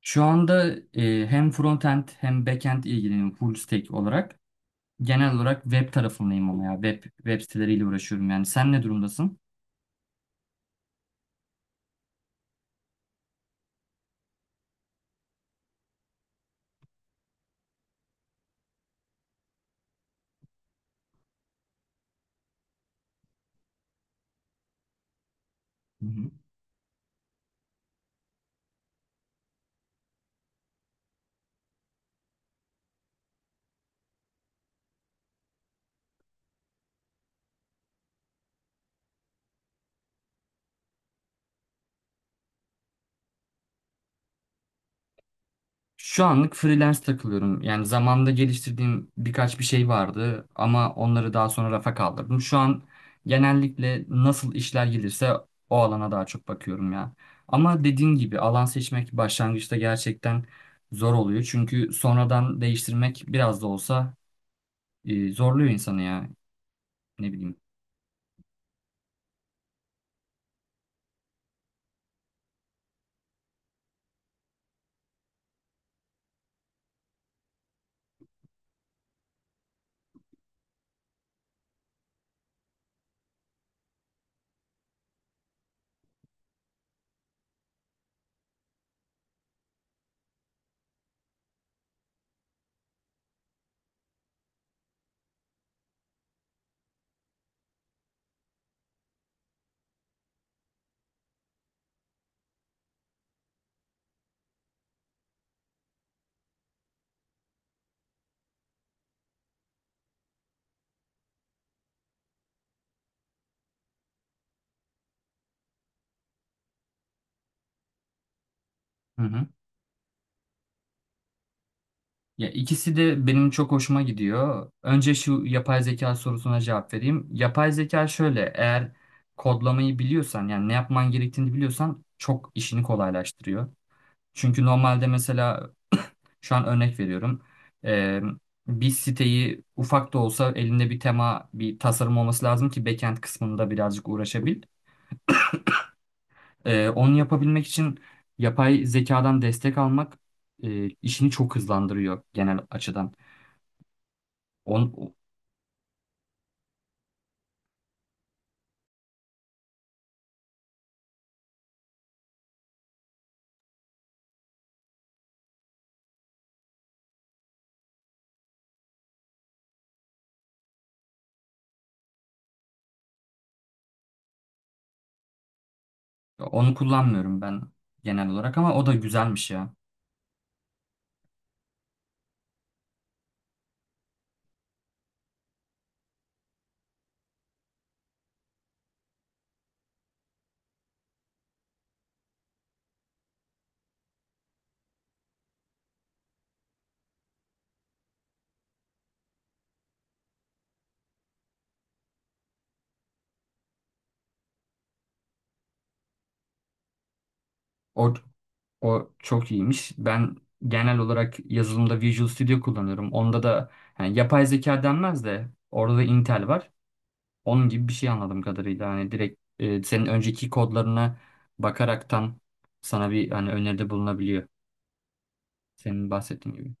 Şu anda hem frontend hem backend ilgileniyorum full stack olarak. Genel olarak web tarafındayım ama ya web siteleriyle uğraşıyorum yani. Sen ne durumdasın? Hı hı. Şu anlık freelance takılıyorum. Yani zamanda geliştirdiğim birkaç bir şey vardı ama onları daha sonra rafa kaldırdım. Şu an genellikle nasıl işler gelirse o alana daha çok bakıyorum ya. Ama dediğin gibi alan seçmek başlangıçta gerçekten zor oluyor. Çünkü sonradan değiştirmek biraz da olsa zorluyor insanı ya. Ne bileyim. Hı hı. Ya ikisi de benim çok hoşuma gidiyor. Önce şu yapay zeka sorusuna cevap vereyim. Yapay zeka şöyle, eğer kodlamayı biliyorsan yani ne yapman gerektiğini biliyorsan çok işini kolaylaştırıyor. Çünkü normalde mesela şu an örnek veriyorum. Ee, Bir siteyi ufak da olsa elinde bir tema, bir tasarım olması lazım ki backend kısmında birazcık uğraşabil. Onu yapabilmek için yapay zekadan destek almak işini çok hızlandırıyor genel açıdan. Onu, onu kullanmıyorum ben genel olarak ama o da güzelmiş ya. O, o çok iyiymiş. Ben genel olarak yazılımda Visual Studio kullanıyorum. Onda da yani yapay zeka denmez de orada da Intel var. Onun gibi bir şey anladığım kadarıyla. Hani direkt senin önceki kodlarına bakaraktan sana bir hani öneride bulunabiliyor. Senin bahsettiğin gibi.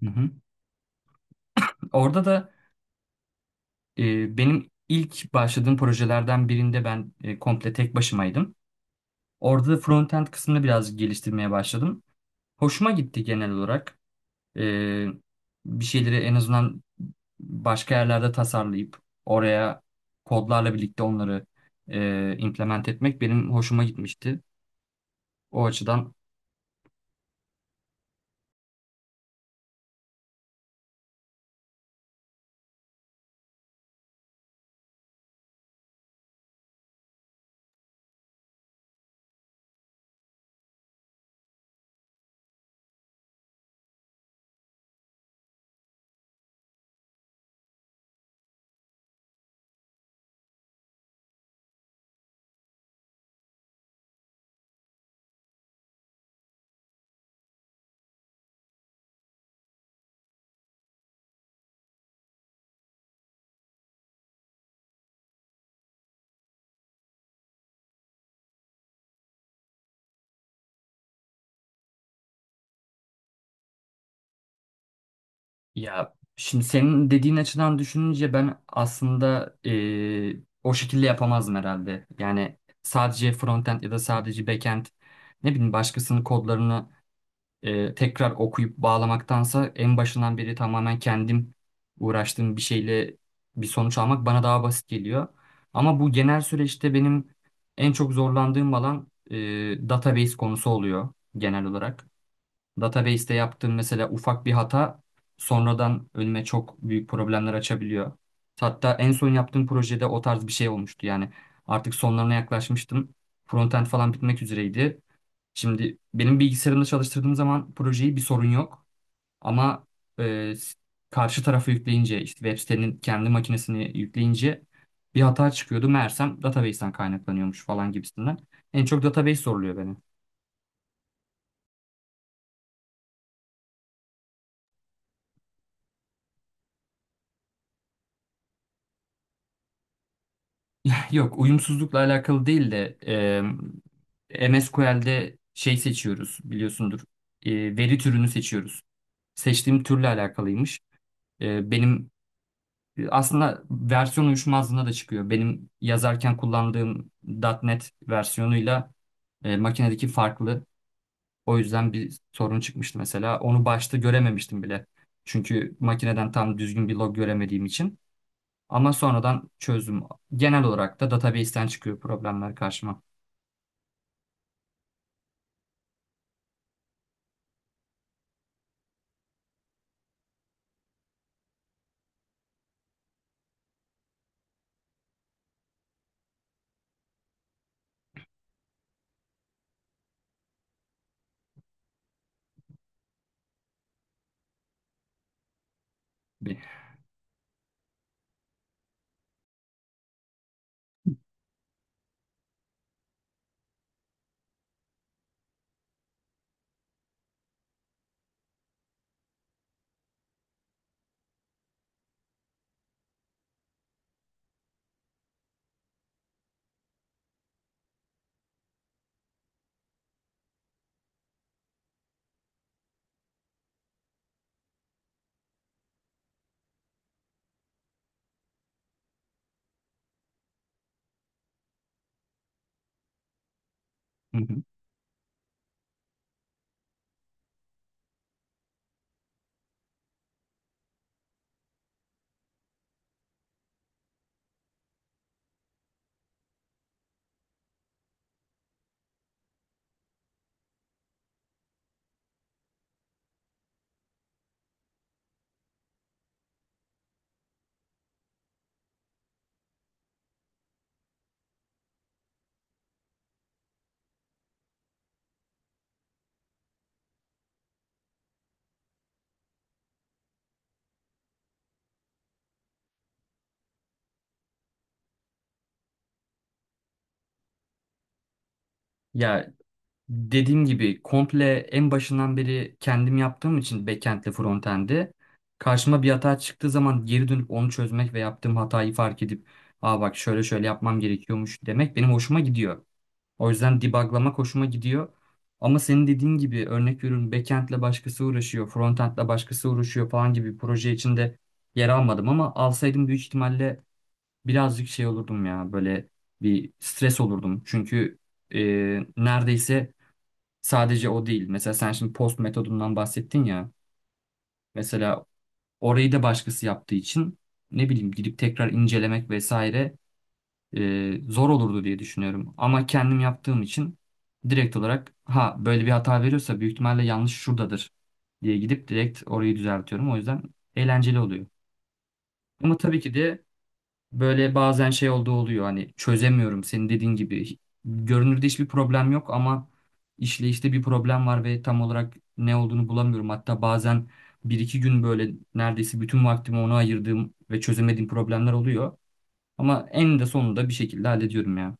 Hı hı. Orada da benim ilk başladığım projelerden birinde ben komple tek başımaydım. Orada da frontend kısmını biraz geliştirmeye başladım. Hoşuma gitti genel olarak. Ee, Bir şeyleri en azından başka yerlerde tasarlayıp oraya kodlarla birlikte onları implement etmek benim hoşuma gitmişti. O açıdan ya şimdi senin dediğin açıdan düşününce ben aslında o şekilde yapamazdım herhalde. Yani sadece frontend ya da sadece backend, ne bileyim, başkasının kodlarını tekrar okuyup bağlamaktansa en başından beri tamamen kendim uğraştığım bir şeyle bir sonuç almak bana daha basit geliyor. Ama bu genel süreçte benim en çok zorlandığım alan database konusu oluyor genel olarak. Database'te yaptığım mesela ufak bir hata sonradan önüme çok büyük problemler açabiliyor. Hatta en son yaptığım projede o tarz bir şey olmuştu. Yani artık sonlarına yaklaşmıştım. Frontend falan bitmek üzereydi. Şimdi benim bilgisayarımda çalıştırdığım zaman projeyi bir sorun yok. Ama e, s- karşı tarafı yükleyince işte web sitenin kendi makinesini yükleyince bir hata çıkıyordu. Meğersem database'ten kaynaklanıyormuş falan gibisinden. En çok database soruluyor benim. Yok, uyumsuzlukla alakalı değil de MSQL'de şey seçiyoruz biliyorsundur. E, veri türünü seçiyoruz. Seçtiğim türle alakalıymış. Benim aslında versiyon uyuşmazlığına da çıkıyor. Benim yazarken kullandığım .NET versiyonuyla makinedeki farklı. O yüzden bir sorun çıkmıştı mesela. Onu başta görememiştim bile. Çünkü makineden tam düzgün bir log göremediğim için. Ama sonradan çözdüm. Genel olarak da database'ten çıkıyor problemler karşıma. Bir. Hı hı. Ya dediğim gibi komple en başından beri kendim yaptığım için backendle frontend'i, karşıma bir hata çıktığı zaman geri dönüp onu çözmek ve yaptığım hatayı fark edip aa bak şöyle şöyle yapmam gerekiyormuş demek benim hoşuma gidiyor. O yüzden debuglamak hoşuma gidiyor. Ama senin dediğin gibi örnek veriyorum, backend'le başkası uğraşıyor, frontend'le başkası uğraşıyor falan gibi bir proje içinde yer almadım ama alsaydım büyük ihtimalle birazcık şey olurdum ya, böyle bir stres olurdum. Çünkü e, neredeyse sadece o değil. Mesela sen şimdi post metodundan bahsettin ya. Mesela orayı da başkası yaptığı için ne bileyim gidip tekrar incelemek vesaire zor olurdu diye düşünüyorum. Ama kendim yaptığım için direkt olarak ha böyle bir hata veriyorsa büyük ihtimalle yanlış şuradadır diye gidip direkt orayı düzeltiyorum. O yüzden eğlenceli oluyor. Ama tabii ki de böyle bazen şey olduğu oluyor hani, çözemiyorum senin dediğin gibi. Görünürde hiçbir problem yok ama işleyişte bir problem var ve tam olarak ne olduğunu bulamıyorum. Hatta bazen bir iki gün böyle neredeyse bütün vaktimi ona ayırdığım ve çözemediğim problemler oluyor. Ama en de sonunda bir şekilde hallediyorum ya.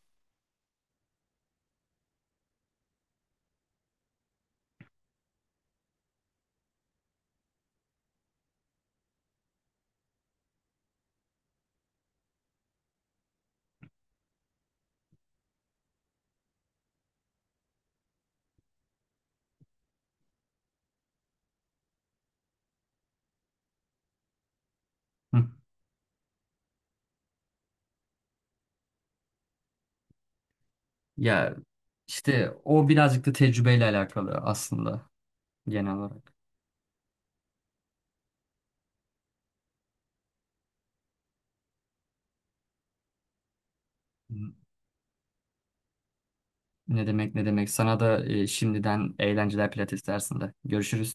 Hı. Ya işte o birazcık da tecrübeyle alakalı aslında genel olarak. Ne demek, ne demek. Sana da şimdiden eğlenceler pilates dersinde. Görüşürüz.